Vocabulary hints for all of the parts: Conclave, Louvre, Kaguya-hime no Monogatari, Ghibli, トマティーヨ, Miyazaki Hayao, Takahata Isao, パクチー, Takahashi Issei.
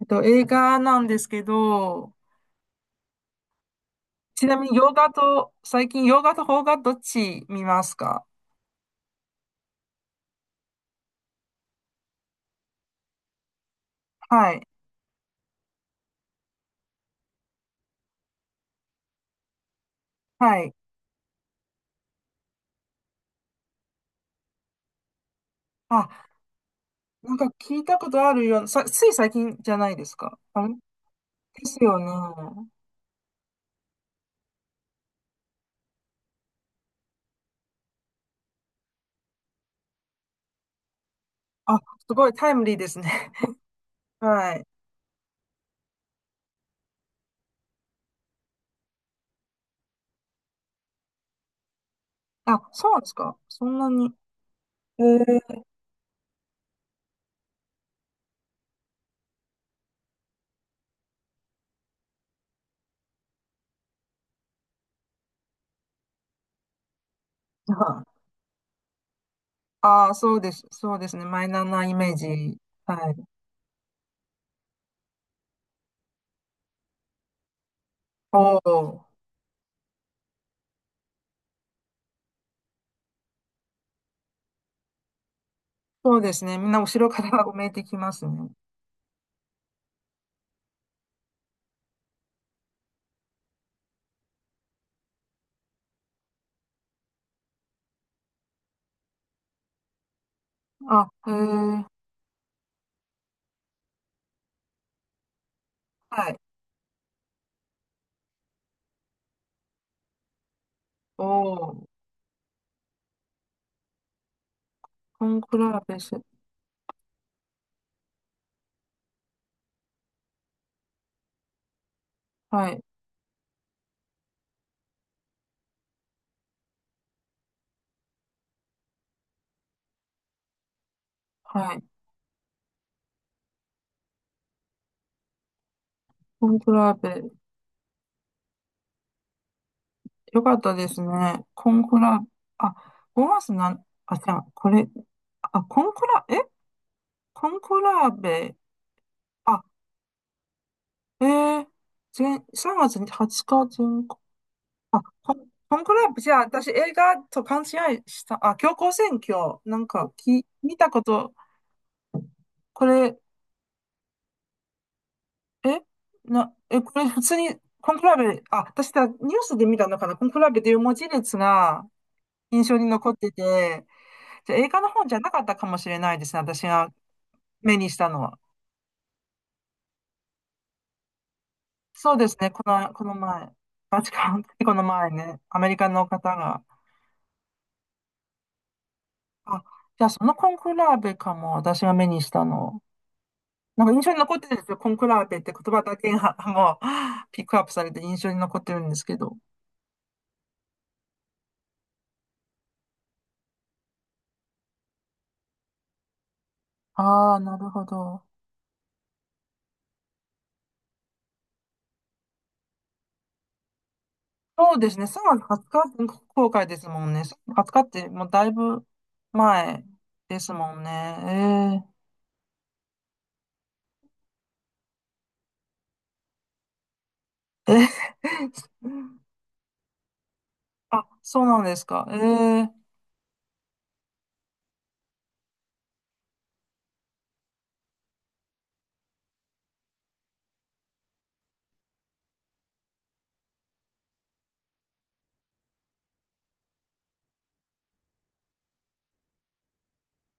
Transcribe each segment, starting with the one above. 映画なんですけど、ちなみに洋画と、最近洋画と邦画どっち見ますか？はい。はい。あ、なんか聞いたことあるような、つい最近じゃないですか。あれですよね。あ、すごいタイムリーですね。はい。あ、そうなんですか。そんなに。えー、ああー、そうです。そうですね。マイナーなイメージ。はい。おお。そうですね。みんな後ろから 埋めてきますね。あ、へえ。はい。お。コンクラーペス。はい。はい。コンクラーペ。よかったですね。コンクラー、あ、5月あ、じゃあ、あ、コンクラーベ、あ、えー、前、3月20日全国、あ、コンクラーベ、じゃあ、私映画と勘違いした、あ、強行選挙、なんか、見たこと、これ、えな、え、これ普通に、コンクラーベ、あ、私だ、ニュースで見たのかな、コンクラーベという文字列が、印象に残ってて、じゃあ映画の方じゃなかったかもしれないですね、私が目にしたのは。そうですね、この前、バチカン、この前ね、アメリカの方が、あ、じゃあそのコンクラーベかも、私が目にしたの。なんか印象に残ってるんですよ、コンクラーベって言葉だけがもうピックアップされて印象に残ってるんですけど。ああ、なるほど。そうですね、3月20日全国公開ですもんね。3月20日ってもうだいぶ前ですもんね。え え、あ、そうなんですか。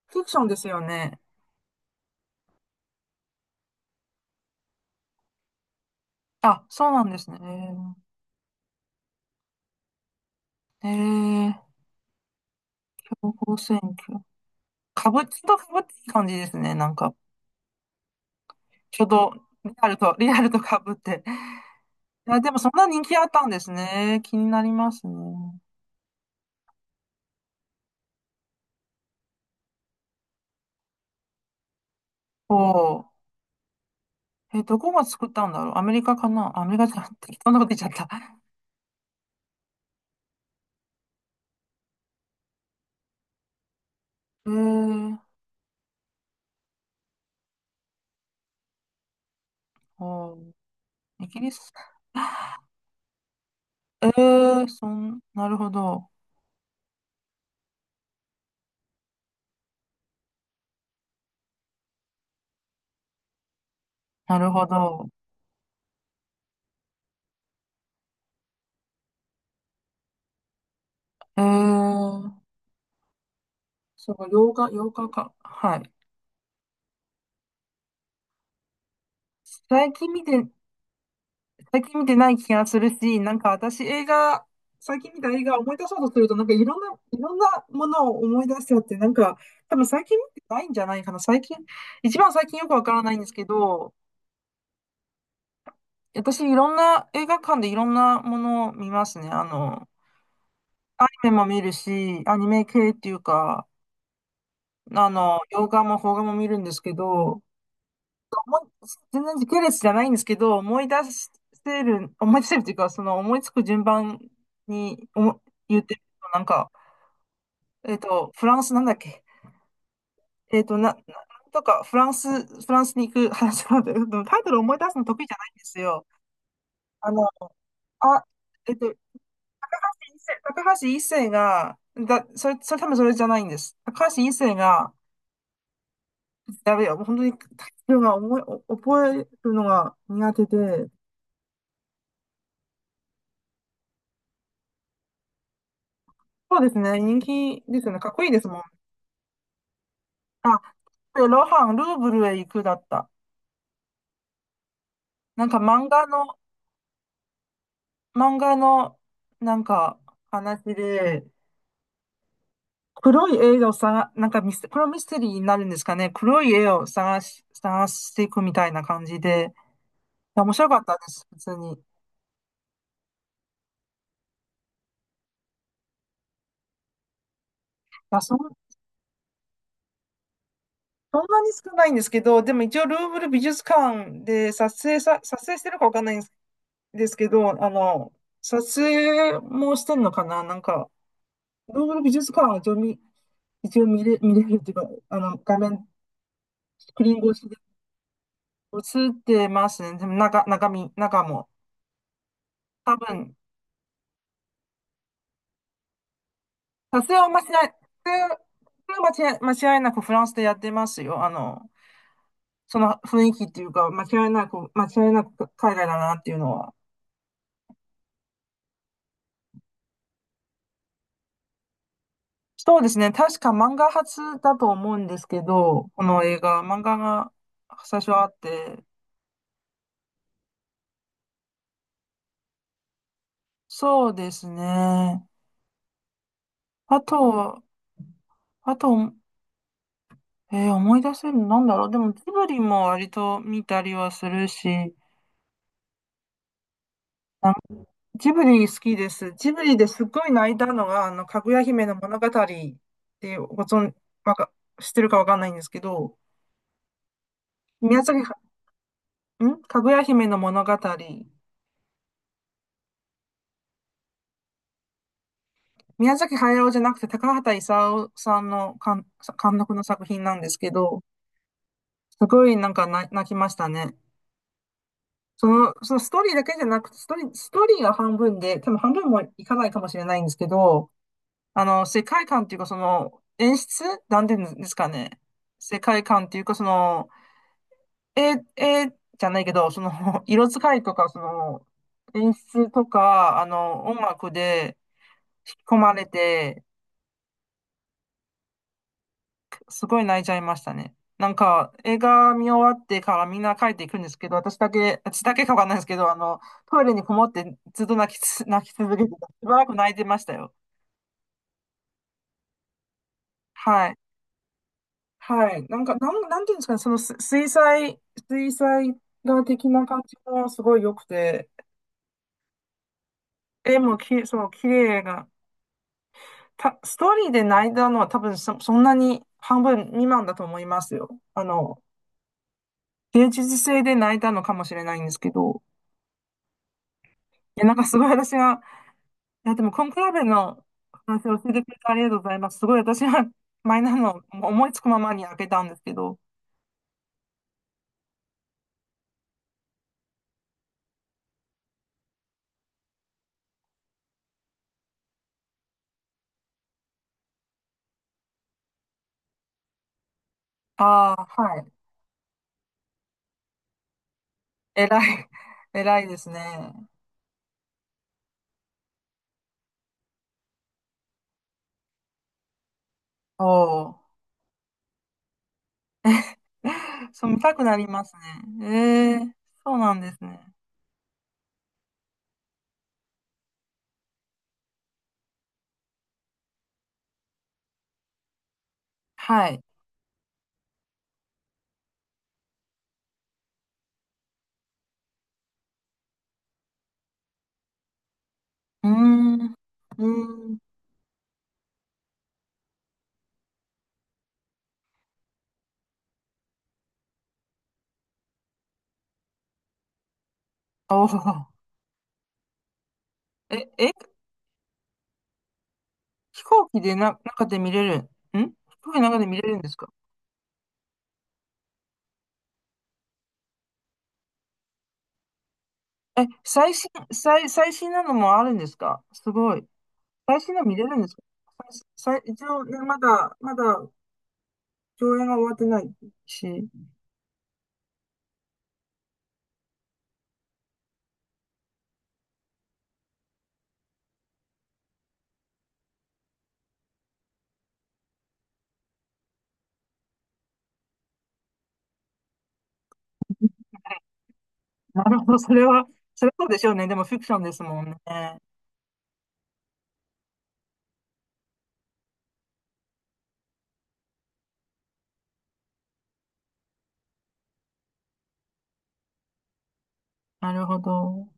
フィクションですよね。あ、そうなんですね。えー、えー情報選挙。ちょっとかぶっていい感じですね。なんか、ちょうど、リアルとかぶって。いや、でもそんな人気あったんですね。気になりますね。おお。どこが作ったんだろう。アメリカかなアメリカじゃん。適当なこと言っちゃった。えー、おー。イギリス。なるほど。なるほど。えーその8日、8日間。はい。最近見て、最近見てない気がするし、なんか私映画、最近見た映画を思い出そうとすると、なんかいろんなものを思い出しちゃって、なんか多分最近見てないんじゃないかな。最近、一番最近よくわからないんですけど、私いろんな映画館でいろんなものを見ますね。あの、アニメも見るし、アニメ系っていうか、あの、洋画も邦画も見るんですけど、思い全然時系列じゃないんですけど、思い出せるというか、その思いつく順番に言ってると、なんか、フランスなんだっけ、えっと、な、ななんとか、フランスに行く話なんだけど、でもタイトル思い出すの得意じゃないんですよ。あの、あ、一世高橋一生が、だ、それ、それ多分それじゃないんです。高橋一生が、やべえよ、もう本当にタイトルが思い、お覚えるのが苦手で、そうですね、人気ですよね、かっこいいですもん。あ、で、ロハン、ルーブルへ行くだった。なんか漫画の、なんか話で、黒い絵をさ、なんかこれはミステリーになるんですかね。黒い絵を探していくみたいな感じで、いや面白かったです、普通に。いや、そんなに少ないんですけど、でも一応ルーブル美術館で撮影してるかわかんないんですけど、あの、撮影もしてんのかななんか、ルーブル美術館は一応見一応見れ、見れるっていうか、あの、画面、スクリーン越しで映ってますね。でも中身、中も。多分、さすが間違い、撮影が間違い、間違いなくフランスでやってますよ。あの、その雰囲気っていうか、間違いなく、間違いなく海外だなっていうのは。そうですね。確か漫画初だと思うんですけど、この映画、漫画が最初あって、そうですね。あと、あと、思い出せるのなんだろう。でも、ジブリも割と見たりはするし、あ、ジブリ好きです。ジブリですっごい泣いたのが、あの、かぐや姫の物語ってご存、わか、知ってるかわかんないんですけど、宮崎は、んかぐや姫の物語。宮崎駿じゃなくて高畑勲さんの監督の作品なんですけど、すごいなんか泣きましたね。そのストーリーだけじゃなくて、ストーリーが半分で、多分半分もいかないかもしれないんですけど、あの、世界観っていうか、その、演出なんていうんですかね。世界観っていうか、その、え、え、じゃないけど、その、色使いとか、その、演出とか、あの、音楽で引き込まれて、すごい泣いちゃいましたね。なんか、映画見終わってからみんな帰っていくんですけど、私だけかわかんないですけど、あの、トイレにこもってずっと泣き続けてた。しばらく泣いてましたよ。はい。はい。なんか、なんていうんですかね、そのす水彩、水彩画的な感じもすごい良くて、絵もき、そう、綺麗が、た、ストーリーで泣いたのは多分そんなに半分未満だと思いますよ。あの、芸術性で泣いたのかもしれないんですけど、いや、なんかすごい私が、いや、でも、コンクラベの話を教えてくれてありがとうございます。すごい私は マイナーの思いつくままに開けたんですけど、ああ、はい。偉い、偉いですね。おー。そう、見たくなりますね。ええ、そうなんですね。はい。うーん。うーん。おお。え、え、飛行機でな、中で見れる。飛行機の中で見れるんですか？え、最新なのもあるんですか？すごい。最新の見れるんですか？一応ね、まだ、まだ、上映が終わってないし。なるほど、それはそうでしょうね。でも、フィクションですもんね。なるほど。